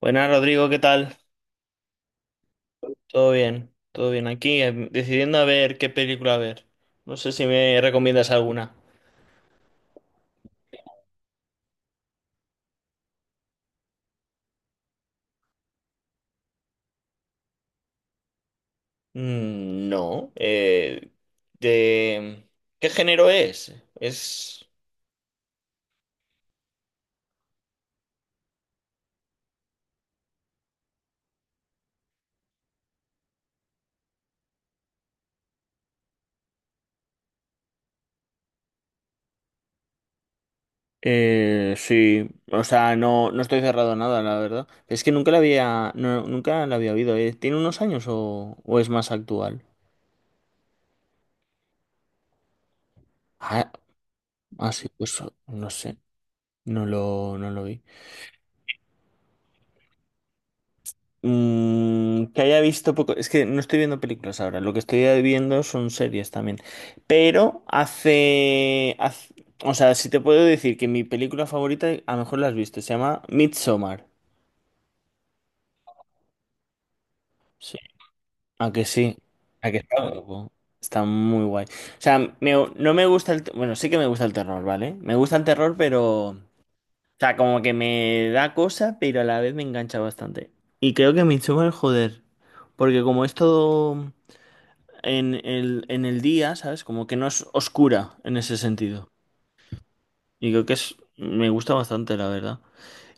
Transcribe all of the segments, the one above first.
Buenas, Rodrigo, ¿qué tal? Todo bien aquí, decidiendo a ver qué película ver. No sé si me recomiendas alguna. Mm, no. De... ¿Qué género es? Sí, o sea, no, no estoy cerrado a nada, la verdad. Es que nunca la había, no, nunca la había oído. ¿Tiene unos años o es más actual? Ah, ah, sí, pues no sé, no lo vi. Mm, que haya visto poco. Es que no estoy viendo películas ahora. Lo que estoy viendo son series también. Pero o sea, si te puedo decir que mi película favorita, a lo mejor la has visto, se llama Midsommar. Sí. ¿A que sí? ¿A que está guapo? Está muy guay. O sea, no me gusta el... Bueno, sí que me gusta el terror, ¿vale? Me gusta el terror, pero... O sea, como que me da cosa, pero a la vez me engancha bastante. Y creo que Midsommar, joder. Porque como es todo, en el día, ¿sabes? Como que no es oscura en ese sentido. Y creo que es, me gusta bastante, la verdad.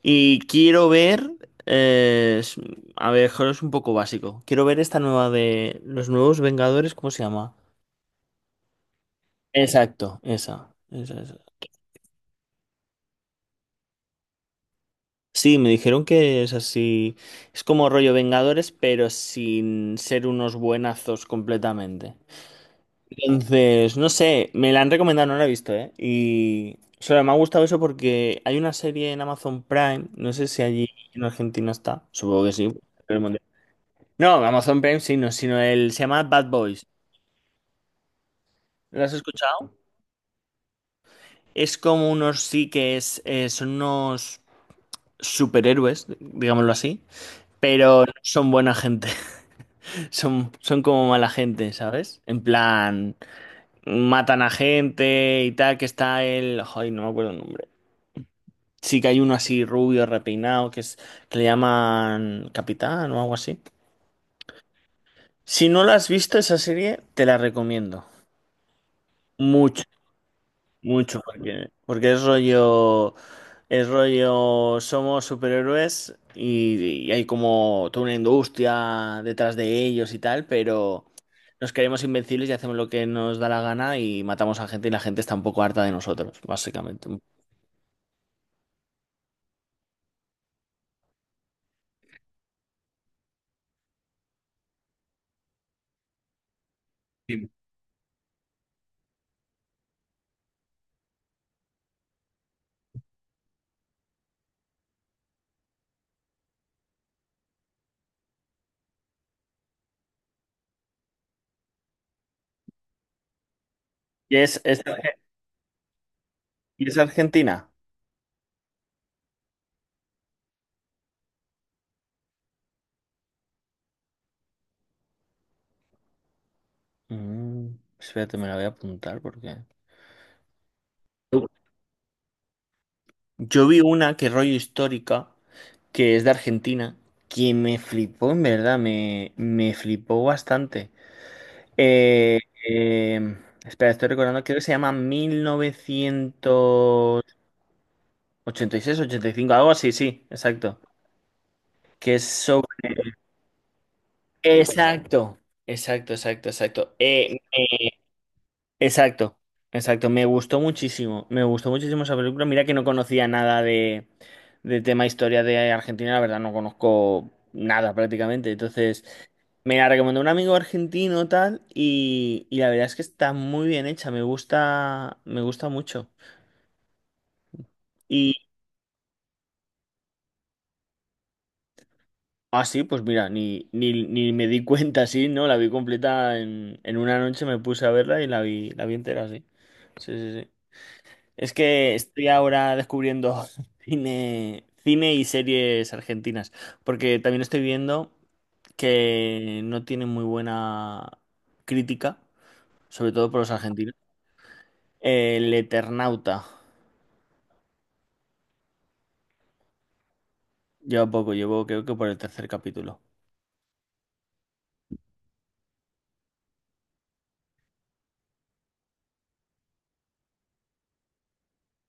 Y quiero ver, eh, es- a ver, joder, es un poco básico. Quiero ver esta nueva de los nuevos Vengadores, ¿cómo se llama? Exacto, esa, esa, esa. Sí, me dijeron que es así, es como rollo Vengadores, pero sin ser unos buenazos completamente. Entonces, no sé, me la han recomendado, no la he visto, ¿eh? Y solo me ha gustado eso porque hay una serie en Amazon Prime, no sé si allí en Argentina está, supongo que sí. pero el mundial- No, Amazon Prime sí, no, sino el, se llama Bad Boys. ¿Lo has escuchado? Es como unos sí que es, son unos superhéroes, digámoslo así, pero no son buena gente, son como mala gente, ¿sabes? En plan, matan a gente y tal, que está el... Ay, no me acuerdo el nombre. Sí que hay uno así rubio, repeinado, que es, que le llaman Capitán o algo así. Si no la has visto esa serie, te la recomiendo. Mucho, mucho, porque es rollo, somos superhéroes y hay como toda una industria detrás de ellos y tal, pero nos creemos invencibles y hacemos lo que nos da la gana y matamos a gente y la gente está un poco harta de nosotros, básicamente. Y es, es, y es Argentina. Mm, espérate, me la voy a apuntar porque... Yo vi una que rollo histórica, que es de Argentina, que me flipó, en verdad, me flipó bastante. Eh, eh, espera, estoy recordando, creo que se llama mil novecientos ochenta ochenta y seis, ochenta y cinco, algo así, sí, exacto. Que es sobre... Exacto, exacto, exacto, exacto. Exacto, exacto. Me gustó muchísimo esa película. Mira que no conocía nada de tema historia de Argentina, la verdad no conozco nada prácticamente. Entonces, me la recomendó un amigo argentino tal y la verdad es que está muy bien hecha, me gusta mucho. Y, ah, sí, pues mira, ni me di cuenta, sí, ¿no? La vi completa en una noche, me puse a verla y la vi, entera, sí. Sí, sí, sí. Es que estoy ahora descubriendo cine, cine y series argentinas, porque también estoy viendo que no tienen muy buena crítica, sobre todo por los argentinos. El Eternauta. Lleva poco, llevo creo que por el tercer capítulo.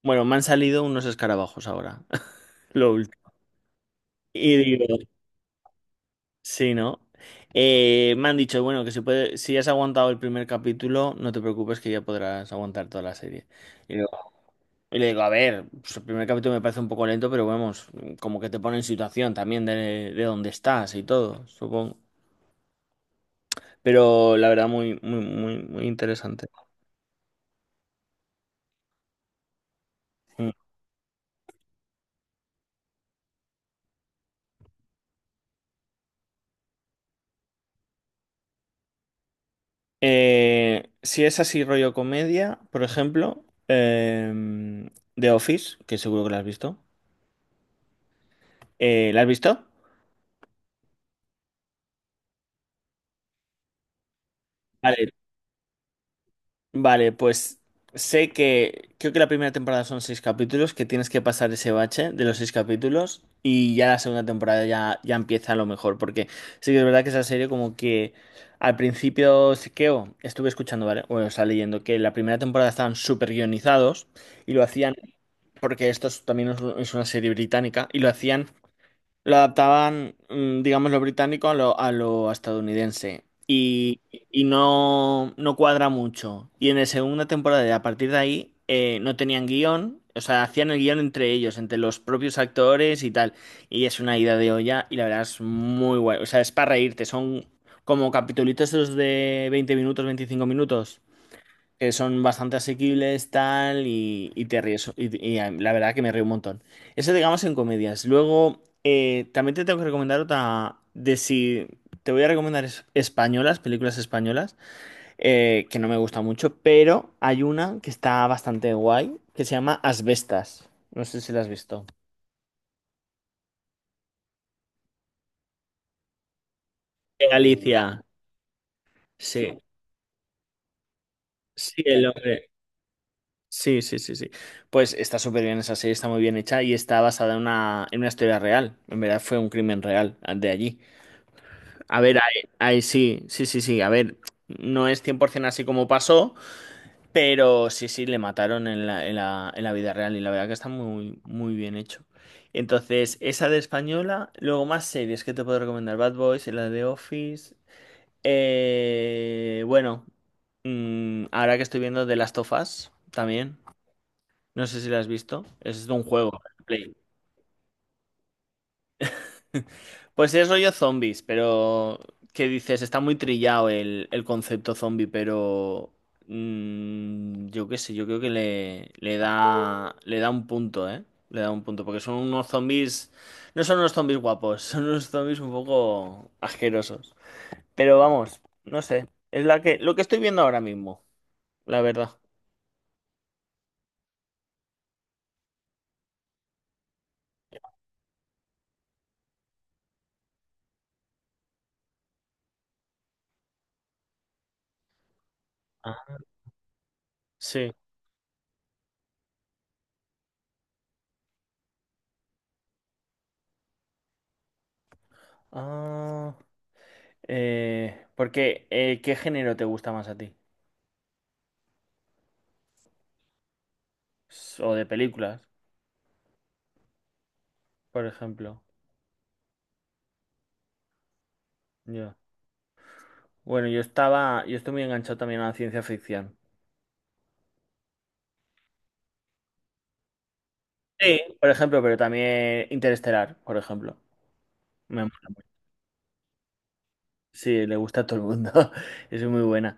Bueno, me han salido unos escarabajos ahora, lo último. Y digo, sí, ¿no? Me han dicho, bueno, que si puede, si has aguantado el primer capítulo, no te preocupes que ya podrás aguantar toda la serie. Y le digo, a ver, pues el primer capítulo me parece un poco lento, pero vamos, como que te pone en situación también de dónde estás y todo, supongo. Pero la verdad, muy, muy, muy, muy interesante. Mm. Si es así rollo comedia, por ejemplo, The Office, que seguro que la has visto. ¿La has visto? Vale, vale, pues sé que creo que la primera temporada son seis capítulos, que tienes que pasar ese bache de los seis capítulos y ya la segunda temporada ya empieza a lo mejor, porque sí que es verdad que esa serie como que al principio sí que estuve escuchando, ¿vale? O sea, leyendo que la primera temporada estaban súper guionizados y lo hacían, porque también es es una serie británica, y lo hacían lo adaptaban, digamos, lo británico a lo, estadounidense. Y no, no cuadra mucho. Y en la segunda temporada, y a partir de ahí, no tenían guión. O sea, hacían el guión entre ellos, entre los propios actores y tal. Y es una ida de olla y la verdad es muy guay. O sea, es para reírte. Son como capitulitos esos de 20 minutos, 25 minutos que son bastante asequibles, tal, y te ríes. La verdad que me río un montón. Eso, digamos, en comedias. Luego, también te tengo que recomendar otra de si. Te voy a recomendar españolas, películas españolas, que no me gusta mucho, pero hay una que está bastante guay, que se llama Asbestas. No sé si la has visto. De Galicia. Sí. Sí, el hombre. Sí, sí, sí, sí. Pues está súper bien esa serie, está muy bien hecha y está basada en una historia real. En verdad fue un crimen real de allí. A ver, ahí sí, sí, sí, sí. A ver, no es 100% así como pasó, pero sí, sí, le mataron en la vida real y la verdad que está muy, muy bien hecho. Entonces, esa de española, luego más series que te puedo recomendar. Bad Boys, la de Office. Bueno, ahora que estoy viendo The Last of Us también. No sé si la has visto. Es de un juego. Play. Pues es rollo zombies, pero ¿qué dices? Está muy trillado el concepto zombie, pero yo qué sé, yo creo que le da un punto, ¿eh? Le da un punto, porque son unos zombies, no son unos zombies guapos, son unos zombies un poco asquerosos. Pero vamos, no sé, es la que lo que estoy viendo ahora mismo, la verdad. Ah, Sí. Ah, porque ¿qué género te gusta más a ti? O de películas, por ejemplo. Ya. Bueno, yo estaba, yo estoy muy enganchado también a la ciencia ficción. Sí, por ejemplo, pero también Interestelar, por ejemplo. Me- sí, le gusta a todo el mundo. Es muy buena.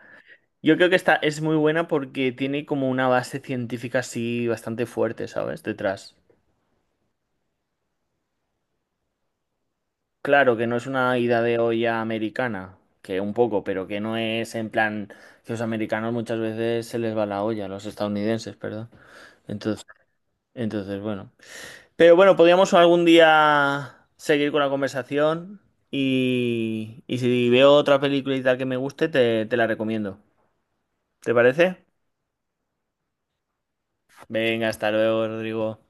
Yo creo que esta es muy buena porque tiene como una base científica así bastante fuerte, ¿sabes? Detrás. Claro que no es una ida de olla americana, que un poco, pero que no es en plan que los americanos muchas veces se les va la olla, a los estadounidenses, perdón. Entonces, entonces, bueno. Pero bueno, podríamos algún día seguir con la conversación y si veo otra película y tal que me guste, te la recomiendo. ¿Te parece? Venga, hasta luego, Rodrigo.